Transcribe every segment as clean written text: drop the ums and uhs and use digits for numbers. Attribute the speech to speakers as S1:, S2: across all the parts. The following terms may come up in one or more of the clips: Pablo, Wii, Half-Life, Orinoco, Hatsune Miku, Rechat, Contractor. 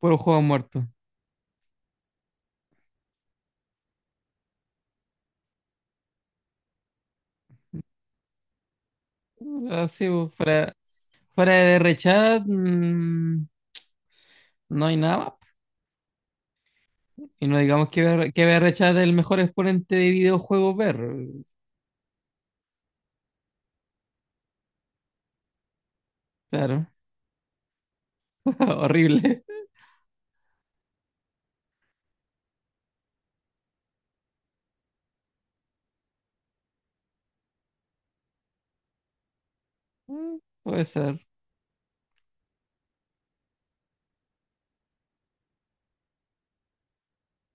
S1: Puro juego muerto. Así, pues, fuera de Rechat, no hay nada más. Po. Y no digamos que, BR que Rechat es el mejor exponente de videojuegos ver. Claro, horrible. Mm. Puede ser,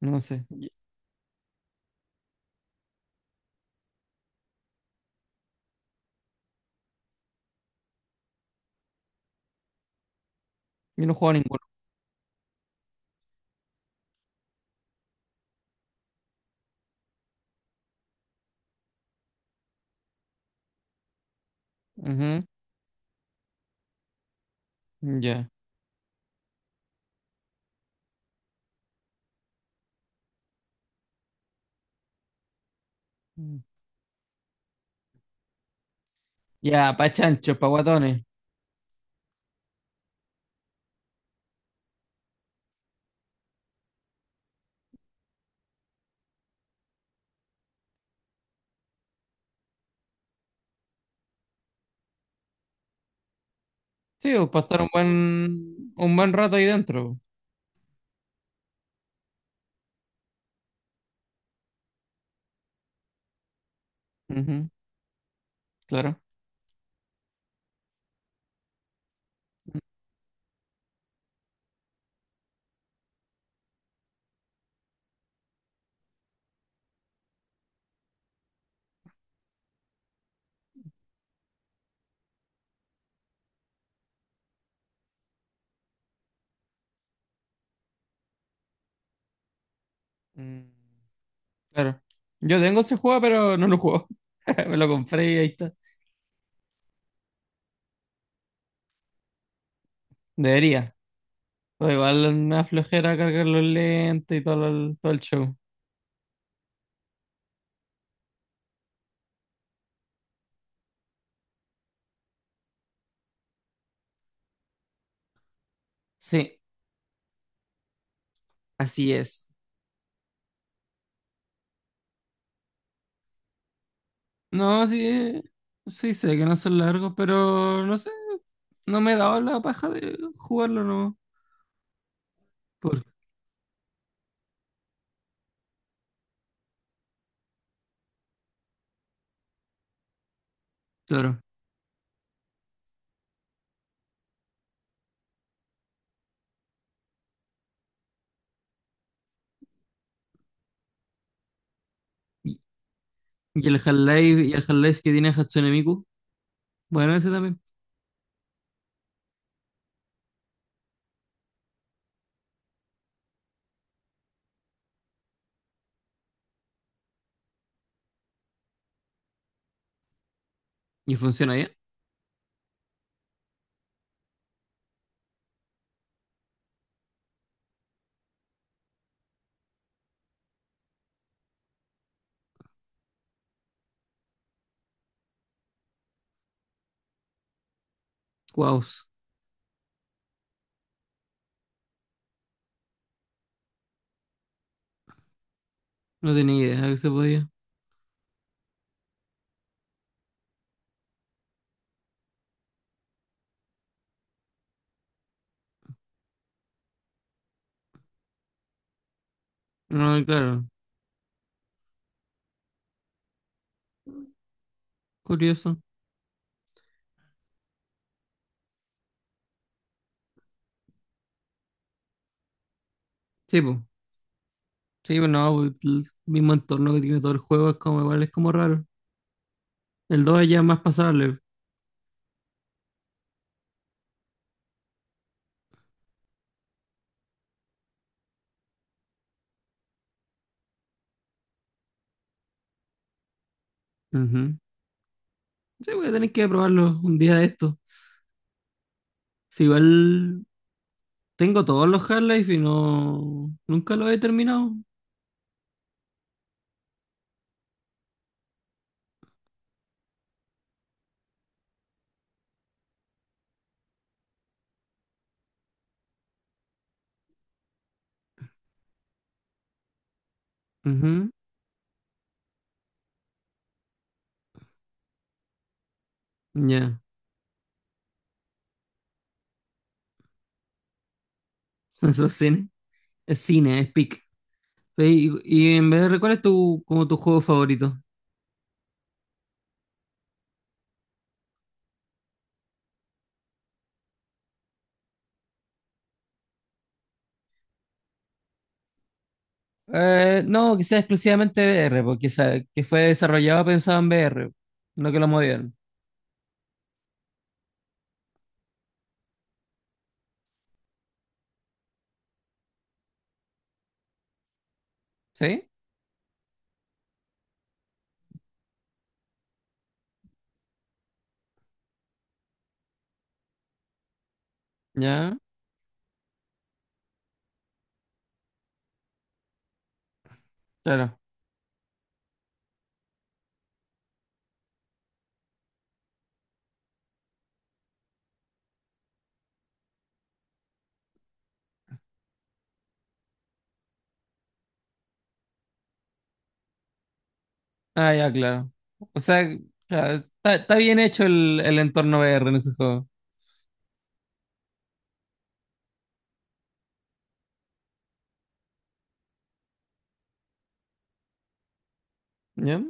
S1: no sé. Yo no juego a ninguno. Ujú. Ya. Mm. Ya, pa' chanchos, pa' guatones. Sí, o para estar un buen rato ahí dentro. Ujú. Claro. Mm. Claro. Yo tengo ese juego, pero no lo juego. Me lo compré y ahí está. Debería. O igual me da flojera cargar los lentes y todo el show. Sí, así es. No, sí, sí sé que no son largos, pero no sé, no me he dado la paja de jugarlo, no. Por, claro. Y, y el Half-Life, y el Half-Life que tiene Hatsune Miku, bueno, ese también. Y funciona bien. Wow, no tenía idea que se podía. No, claro, curioso. Sí, pues, sí, pues no, pues, el mismo entorno que tiene todo el juego es como igual, es como raro. El 2 ya es más pasable. Ujú. Sí, voy a tener que probarlo un día de esto. Si igual tengo todos los Half-Life y no. Nunca los he terminado. Ujú. Ya. Eso es cine. Es cine, es pic. Y, y en VR, ¿cuál es tu, como tu juego favorito? No, que sea exclusivamente VR, porque sa- que fue desarrollado pensado en VR, no que lo movieron. ¿Sí? Ya, claro. Ah, ya, claro. O sea, ya, está, está bien hecho el entorno VR en ese juego. ¿Ya?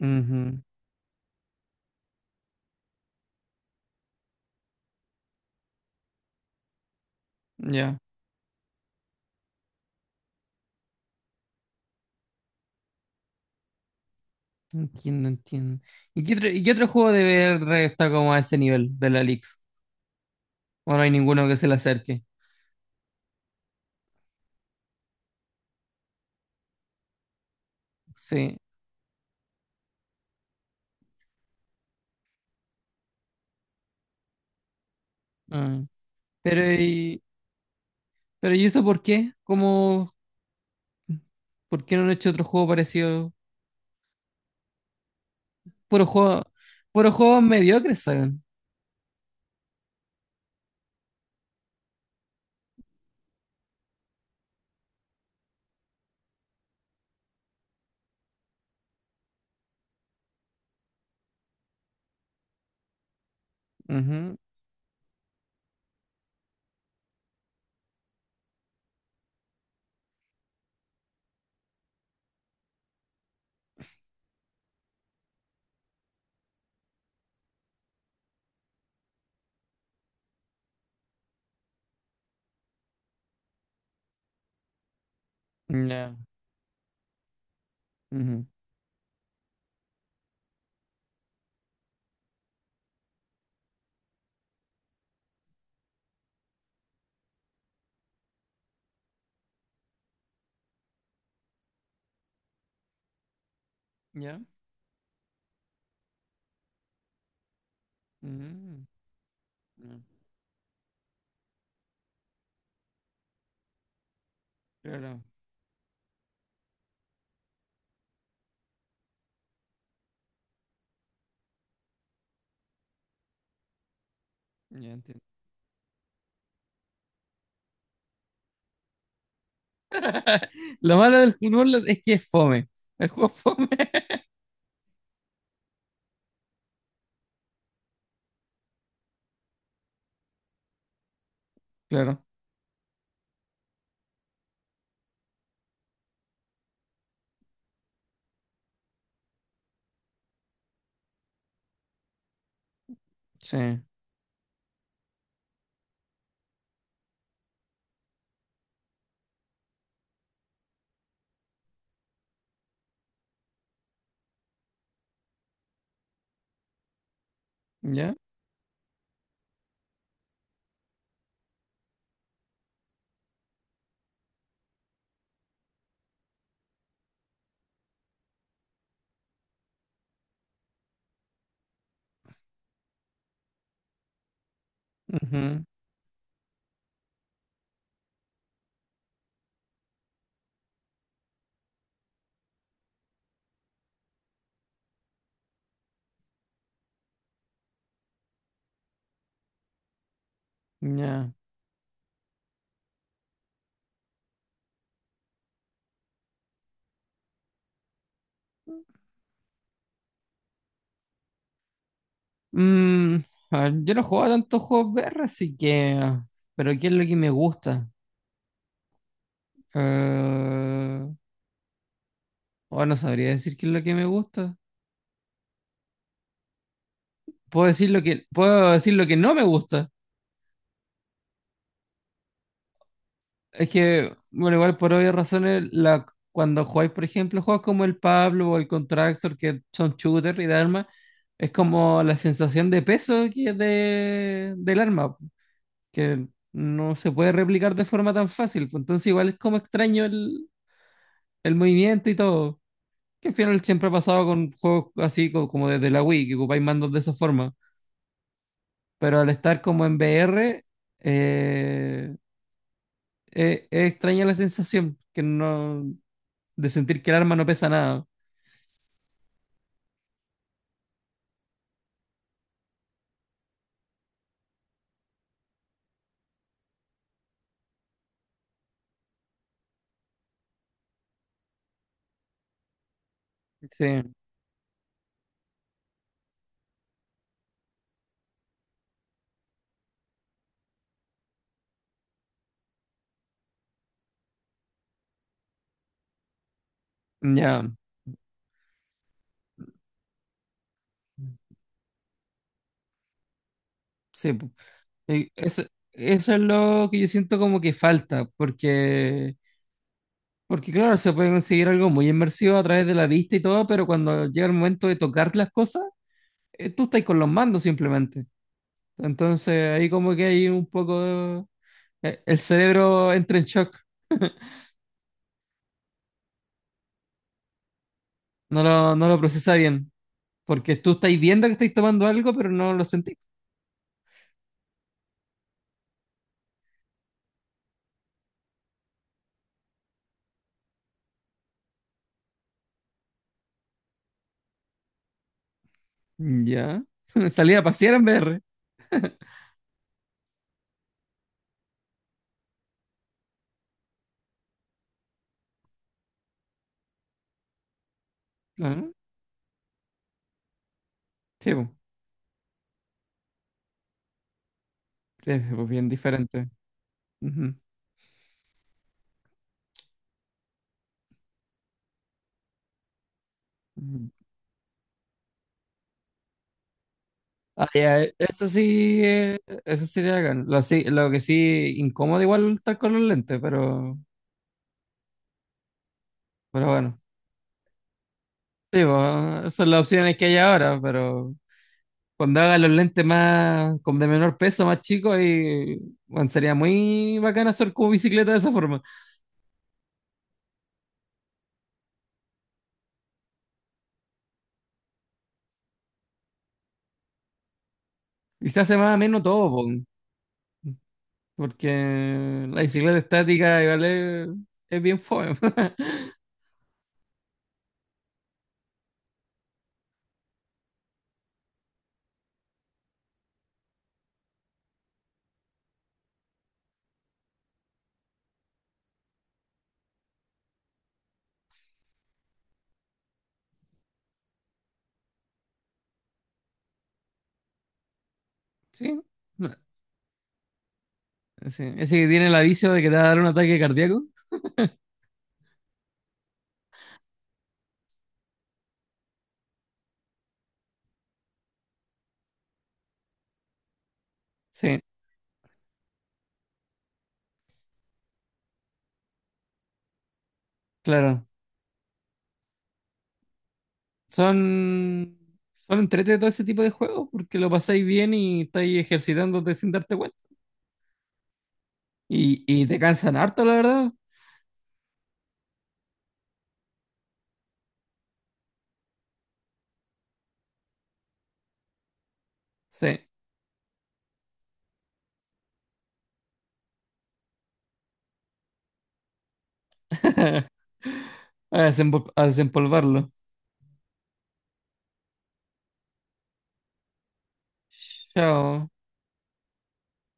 S1: Ujú. Ya. Entiendo, entiendo. Y qué otro juego de VR está como a ese nivel de la Lix? O no hay ninguno que se le acerque. Sí. Ah. Pero, y, pero ¿y eso por qué? ¿Cómo, por qué no han hecho otro juego parecido? Puro juego, puro juego mediocre, saben. Ujú. Ya. Ujú. Ya. Mm. Ya, claro. Ya entiendo. Lo malo del fútbol es que es fome. El juego es fome. Claro. Sí. Ya. Ujú. Ya. Mm, a ver, yo no juego a tantos juegos VR, así que... Pero ¿qué es lo que me gusta? Eh, oh, no sabría decir qué es lo que me gusta. Puedo decir lo que, puedo decir lo que no me gusta. Es que, bueno, igual por obvias razones, la, cuando jugáis, por ejemplo, juegos como el Pablo o el Contractor, que son shooter y de armas, es como la sensación de peso que es de, del arma, que no se puede replicar de forma tan fácil. Pues, Entonces igual es como extraño el movimiento y todo. Que al final siempre ha pasado con juegos así co- como desde la Wii, que ocupáis mandos de esa forma. Pero al estar como en VR, eh, es extraña la sensación que no, de sentir que el arma no pesa nada. Sí, ya, sí. pu. Y Eso es lo que yo siento como que falta, porque, porque claro, se puede conseguir algo muy inmersivo a través de la vista y todo, pero cuando llega el momento de tocar las cosas, tú estás con los mandos simplemente. Entonces ahí como que hay un poco de, E- El cerebro entra en shock, no lo procesa bien, porque tú estáis viendo que estáis tomando algo, pero no lo sentís. Ya. Salí a pasear en VR. Ah, sí, pues, es pues, bien diferente. Ujú. Ujú. Ah, ya, eso sí le hagan. Lo, sí- lo que sí, incómodo igual estar con los lentes, pero bueno. Sí, pues, esas son las opciones que hay ahora, pero cuando hagan los lentes más, con de menor peso, más chicos, y bueno, sería muy bacán hacer como bicicleta de esa forma. Y se hace más menos todo, po, porque la bicicleta estática igual es bien fome. Sí, no, sí. Ese que tiene el aviso de que te va a dar un ataque cardíaco. Sí, claro. Son, son entrete todo ese tipo de juegos porque lo pasáis bien y estáis ejercitándote sin darte cuenta. Y te cansan harto, la verdad. Sí. A desempol- a desempolvarlo. Chao.